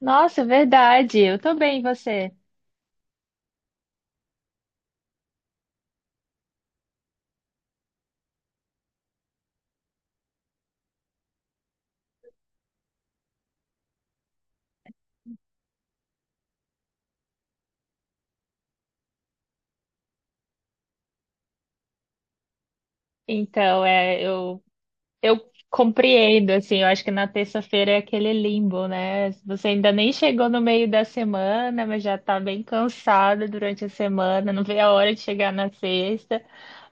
Nossa, verdade. Eu também, você. Então, é, eu, eu compreendo, assim, eu acho que na terça-feira é aquele limbo, né? Você ainda nem chegou no meio da semana, mas já tá bem cansado durante a semana, não vê a hora de chegar na sexta,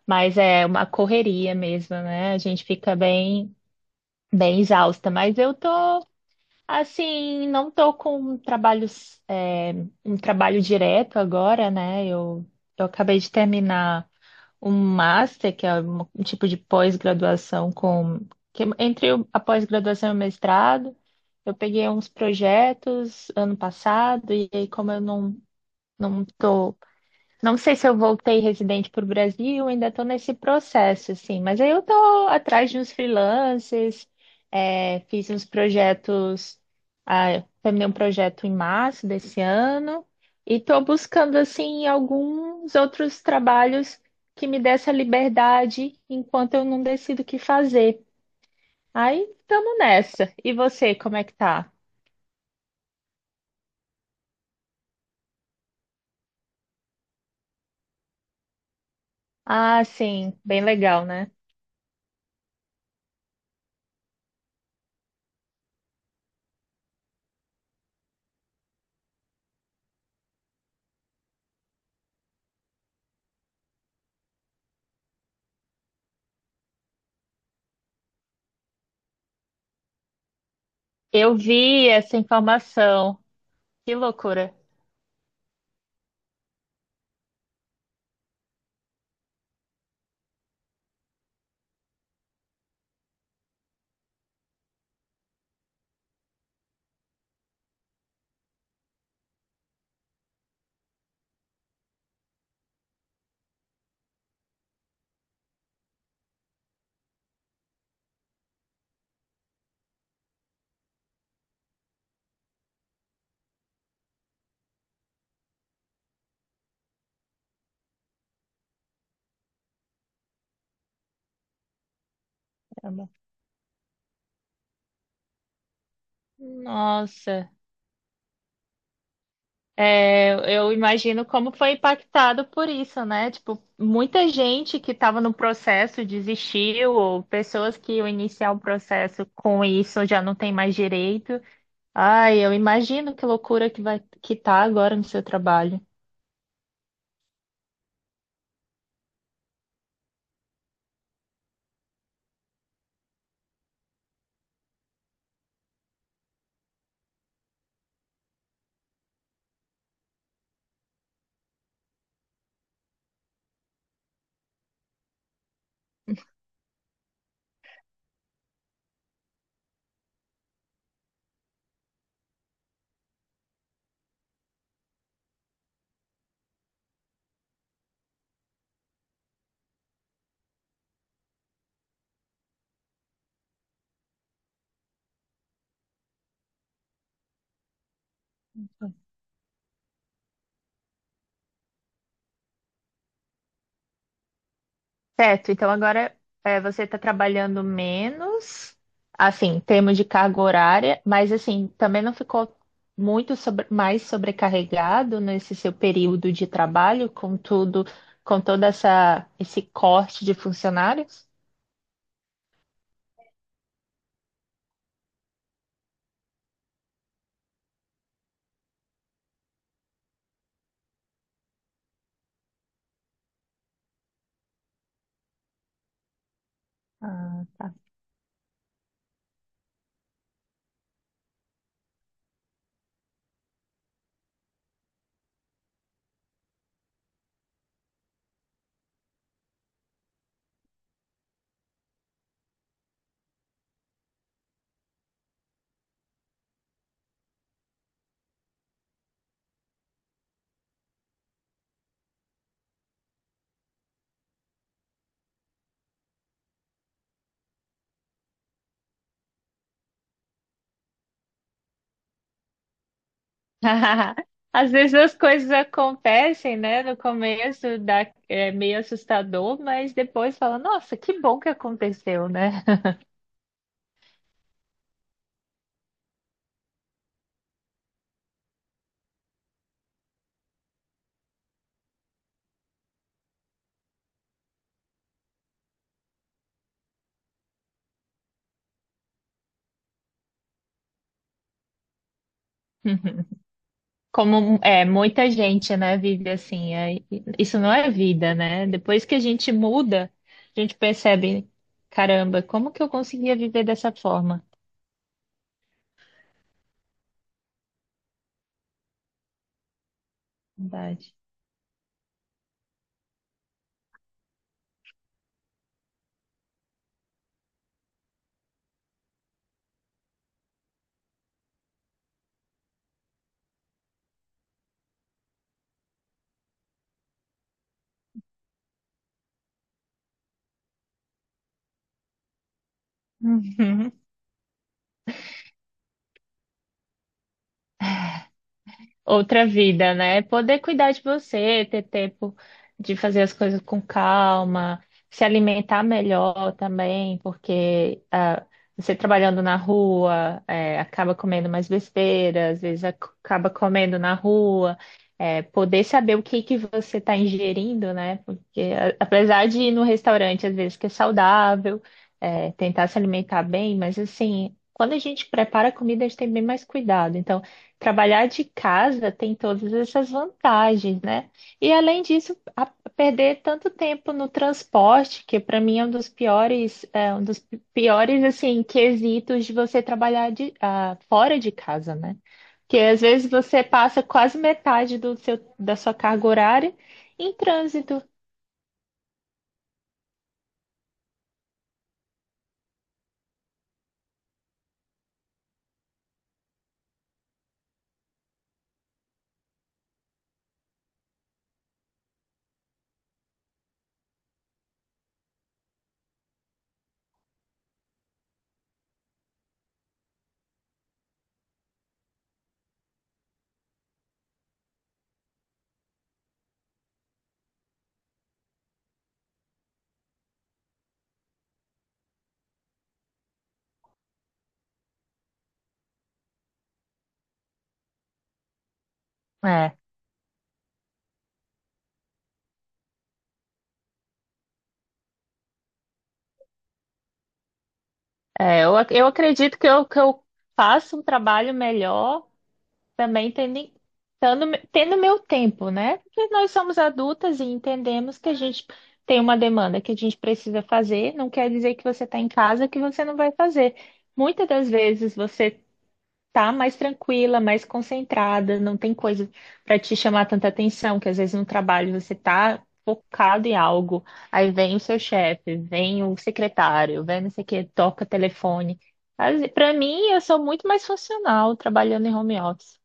mas é uma correria mesmo, né? A gente fica bem exausta, mas eu tô assim, não tô com um trabalho direto agora, né? Eu acabei de terminar um master, que é um tipo de pós-graduação com que é entre a pós-graduação e o mestrado. Eu peguei uns projetos ano passado e aí como eu não não sei se eu voltei residente para o Brasil, ainda estou nesse processo, assim, mas aí eu estou atrás de uns freelances, fiz uns projetos. Eu terminei um projeto em março desse ano e estou buscando, assim, alguns outros trabalhos que me dê essa liberdade enquanto eu não decido o que fazer. Aí estamos nessa. E você, como é que tá? Ah, sim, bem legal, né? Eu vi essa informação. Que loucura. Nossa, é, eu imagino como foi impactado por isso, né? Tipo, muita gente que estava no processo desistiu, ou pessoas que iam iniciar o processo com isso já não tem mais direito. Ai, eu imagino que loucura que vai que tá agora no seu trabalho. Certo, então agora é, você está trabalhando menos, assim, em termos de carga horária, mas assim, também não ficou muito mais sobrecarregado nesse seu período de trabalho, com tudo, com toda essa esse corte de funcionários? Ah, tá. Às vezes as coisas acontecem, né? No começo dá, é meio assustador, mas depois fala, nossa, que bom que aconteceu, né? Como é, muita gente, né, vive assim. Isso não é vida, né? Depois que a gente muda, a gente percebe, caramba, como que eu conseguia viver dessa forma? Verdade. Outra vida, né? Poder cuidar de você, ter tempo de fazer as coisas com calma, se alimentar melhor também, porque você trabalhando na rua, acaba comendo mais besteira, às vezes acaba comendo na rua. Eh, poder saber o que que você está ingerindo, né? Porque apesar de ir no restaurante, às vezes que é saudável, tentar se alimentar bem, mas assim, quando a gente prepara a comida, a gente tem bem mais cuidado. Então, trabalhar de casa tem todas essas vantagens, né? E além disso, perder tanto tempo no transporte, que para mim é um dos piores, é, um dos piores assim quesitos de você trabalhar de, fora de casa, né? Porque às vezes você passa quase metade do da sua carga horária em trânsito. É, eu acredito que eu faço um trabalho melhor também tendo, tendo meu tempo, né? Porque nós somos adultas e entendemos que a gente tem uma demanda que a gente precisa fazer, não quer dizer que você está em casa que você não vai fazer. Muitas das vezes você tá mais tranquila, mais concentrada, não tem coisa para te chamar tanta atenção, que às vezes no trabalho você tá focado em algo, aí vem o seu chefe, vem o secretário, vem não sei o que, toca telefone. Para mim, eu sou muito mais funcional trabalhando em home office.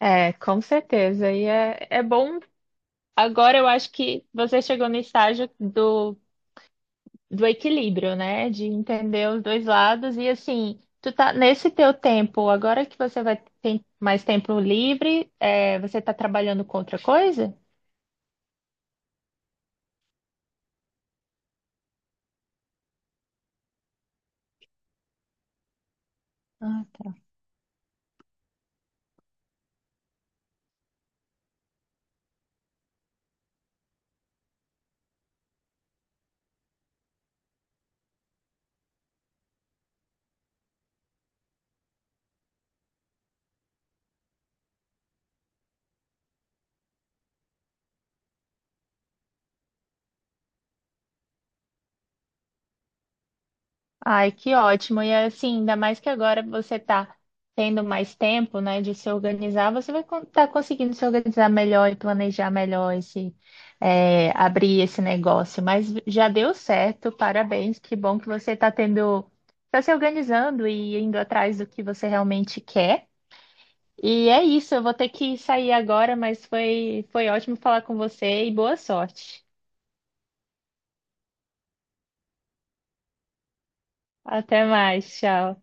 É, com certeza. E é, é bom. Agora eu acho que você chegou no estágio do equilíbrio, né? De entender os dois lados. E assim, tu tá nesse teu tempo, agora que você vai ter mais tempo livre, é, você tá trabalhando com outra coisa? Ai, que ótimo. E assim, ainda mais que agora você está tendo mais tempo, né, de se organizar, você vai estar conseguindo se organizar melhor e planejar melhor esse, é, abrir esse negócio. Mas já deu certo, parabéns. Que bom que você está tendo, está se organizando e indo atrás do que você realmente quer. E é isso, eu vou ter que sair agora, mas foi ótimo falar com você e boa sorte. Até mais, tchau.